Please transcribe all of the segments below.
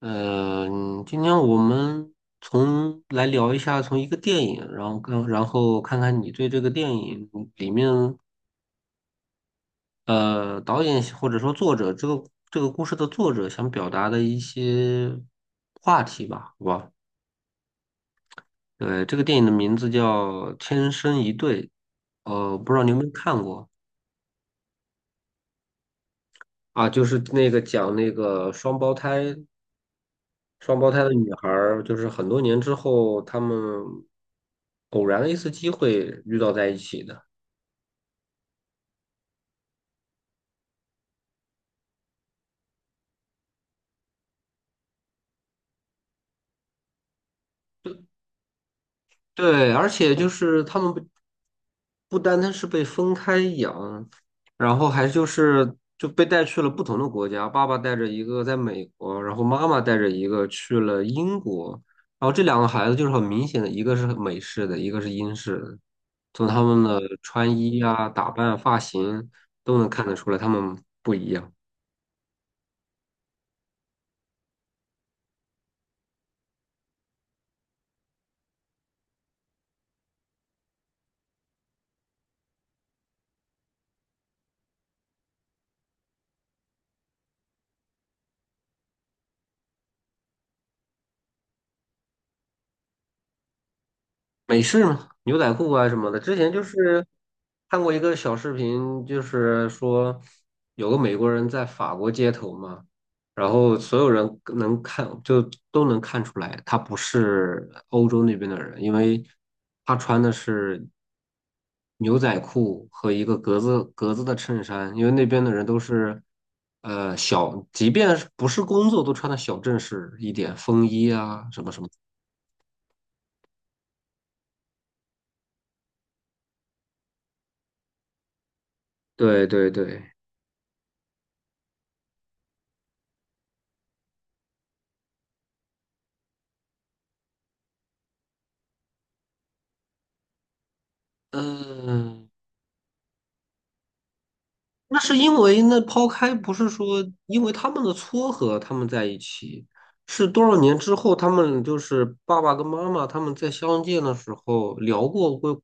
嗯，今天我们聊一下，从一个电影，然后跟然后看看你对这个电影里面导演或者说作者这个故事的作者想表达的一些话题吧，好吧？对，这个电影的名字叫《天生一对》，不知道你有没有看过啊？就是那个讲那个双胞胎。双胞胎的女孩儿，就是很多年之后，他们偶然的一次机会遇到在一起的。对，而且就是他们不单单是被分开养，然后还就是就被带去了不同的国家。爸爸带着一个在美国，然后妈妈带着一个去了英国。然后这两个孩子就是很明显的，一个是美式的，一个是英式的。从他们的穿衣啊、打扮、发型都能看得出来，他们不一样。美式嘛，牛仔裤啊什么的。之前就是看过一个小视频，就是说有个美国人在法国街头嘛，然后所有人能看就都能看出来，他不是欧洲那边的人，因为他穿的是牛仔裤和一个格子的衬衫，因为那边的人都是。即便是不是工作，都穿的小正式一点，风衣啊，什么什么。对对对。嗯，那是因为那抛开不是说因为他们的撮合，他们在一起，是多少年之后，他们就是爸爸跟妈妈他们在相见的时候聊过关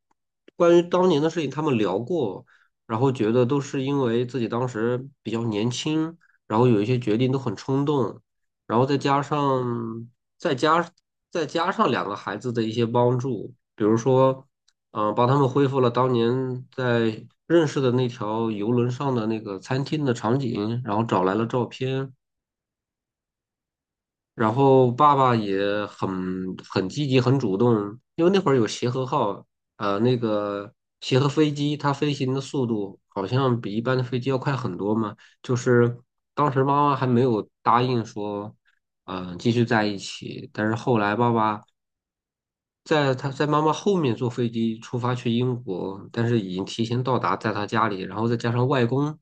关于当年的事情，他们聊过，然后觉得都是因为自己当时比较年轻，然后有一些决定都很冲动，然后再加再加上两个孩子的一些帮助，比如说。帮他们恢复了当年在认识的那条游轮上的那个餐厅的场景，然后找来了照片，然后爸爸也很积极、很主动，因为那会儿有协和号，呃，那个协和飞机它飞行的速度好像比一般的飞机要快很多嘛，就是当时妈妈还没有答应说，继续在一起，但是后来爸爸。在他在妈妈后面坐飞机出发去英国，但是已经提前到达，在他家里，然后再加上外公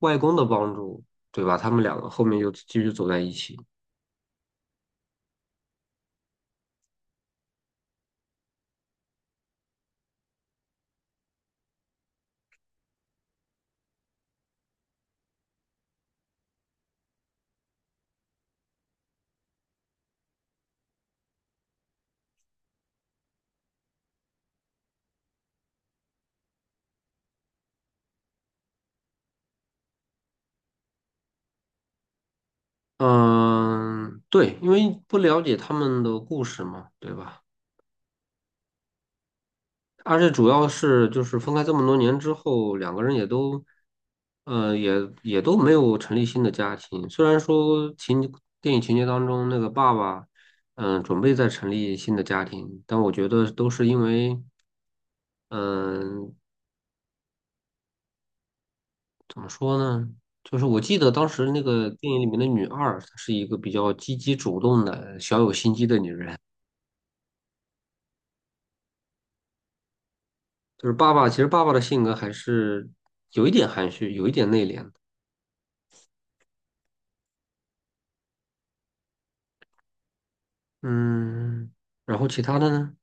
外公的帮助，对吧？他们两个后面又继续走在一起。嗯，对，因为不了解他们的故事嘛，对吧？而且主要是就是分开这么多年之后，两个人也都，呃，也也都没有成立新的家庭。虽然说电影情节当中那个爸爸，准备再成立新的家庭，但我觉得都是因为，嗯、怎么说呢？就是我记得当时那个电影里面的女二，她是一个比较积极主动的、小有心机的女人。就是爸爸，其实爸爸的性格还是有一点含蓄，有一点内敛的。嗯，然后其他的呢？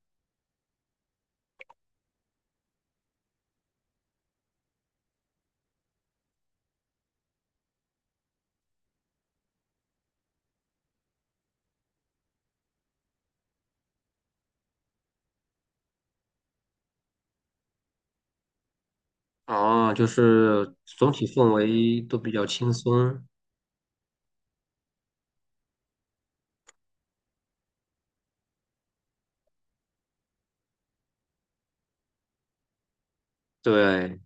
哦，就是总体氛围都比较轻松。对，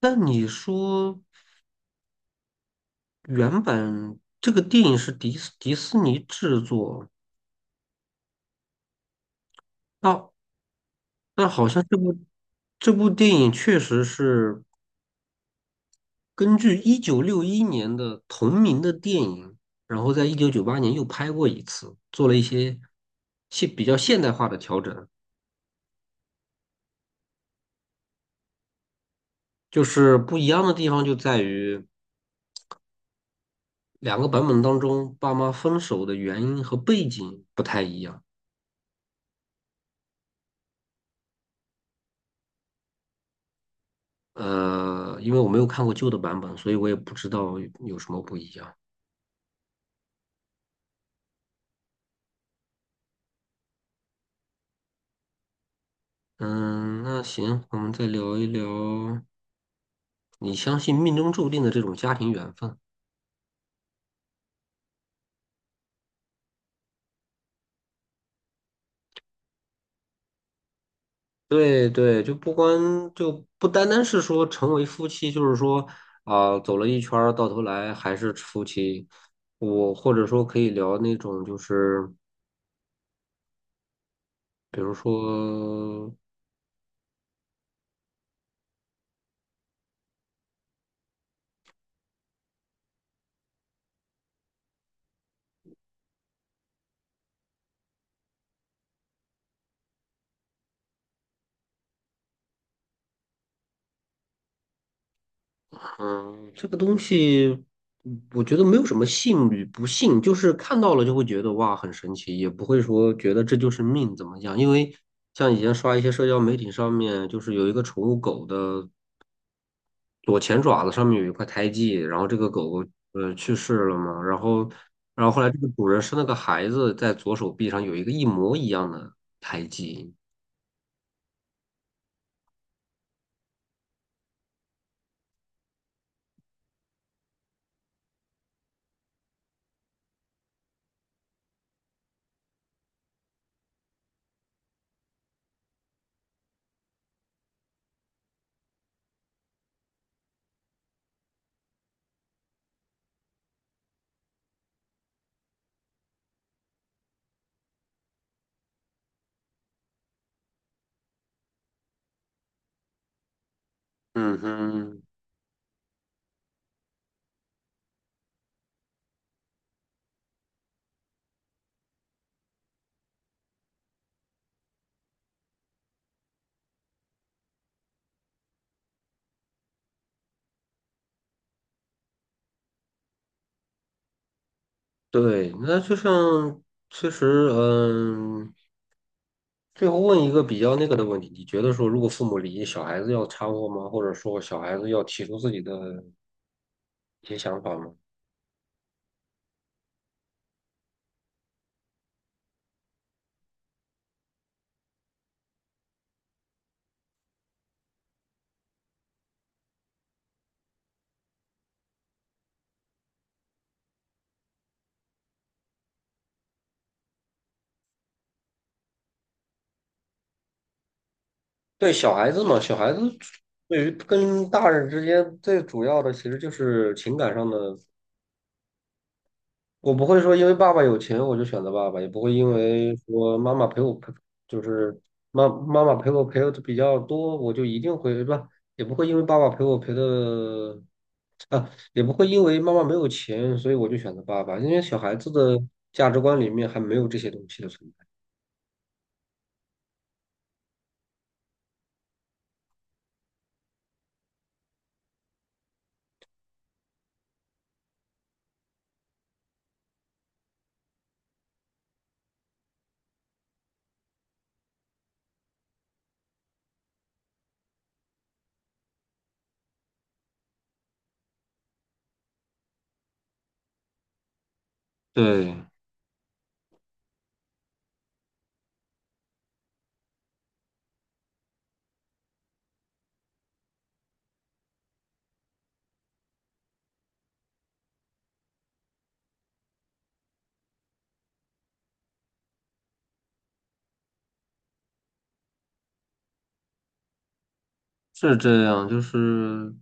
那你说原本这个电影是迪士尼制作，那那好像这部电影确实是根据1961年的同名的电影，然后在1998年又拍过一次，做了一些比较现代化的调整。就是不一样的地方就在于。两个版本当中，爸妈分手的原因和背景不太一样。因为我没有看过旧的版本，所以我也不知道有什么不一样。嗯，那行，我们再聊一聊，你相信命中注定的这种家庭缘分？对对，就不单单是说成为夫妻，就是说走了一圈儿，到头来还是夫妻。我或者说可以聊那种，就是比如说。嗯，这个东西，嗯我觉得没有什么信与不信，就是看到了就会觉得哇很神奇，也不会说觉得这就是命怎么样。因为像以前刷一些社交媒体上面，就是有一个宠物狗的左前爪子上面有一块胎记，然后这个狗狗去世了嘛，然后后来这个主人生了个孩子，在左手臂上有一个一模一样的胎记。嗯哼，对，那就像其实嗯。最后问一个比较那个的问题，你觉得说，如果父母离异，小孩子要掺和吗？或者说，小孩子要提出自己的一些想法吗？对，小孩子嘛，小孩子对于跟大人之间最主要的其实就是情感上的。我不会说因为爸爸有钱我就选择爸爸，也不会因为说妈妈陪我陪，就是妈妈陪我陪的比较多，我就一定会，吧，也不会因为爸爸陪我陪的啊，也不会因为妈妈没有钱，所以我就选择爸爸，因为小孩子的价值观里面还没有这些东西的存在。对，是这样，就是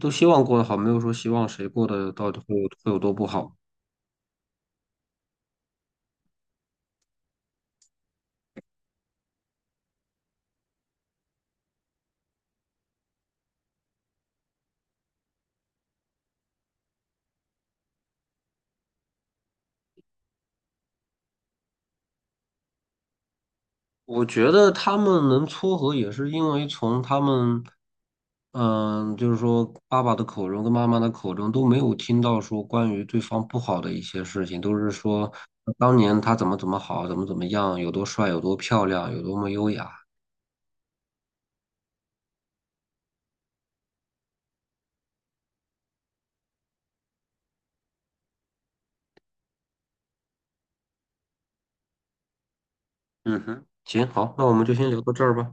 都希望过得好，没有说希望谁过得到底会有多不好。我觉得他们能撮合，也是因为从他们，嗯，就是说爸爸的口中跟妈妈的口中都没有听到说关于对方不好的一些事情，都是说当年他怎么怎么好，怎么怎么样，有多帅，有多漂亮，有多么优雅。嗯哼，行，好，那我们就先聊到这儿吧。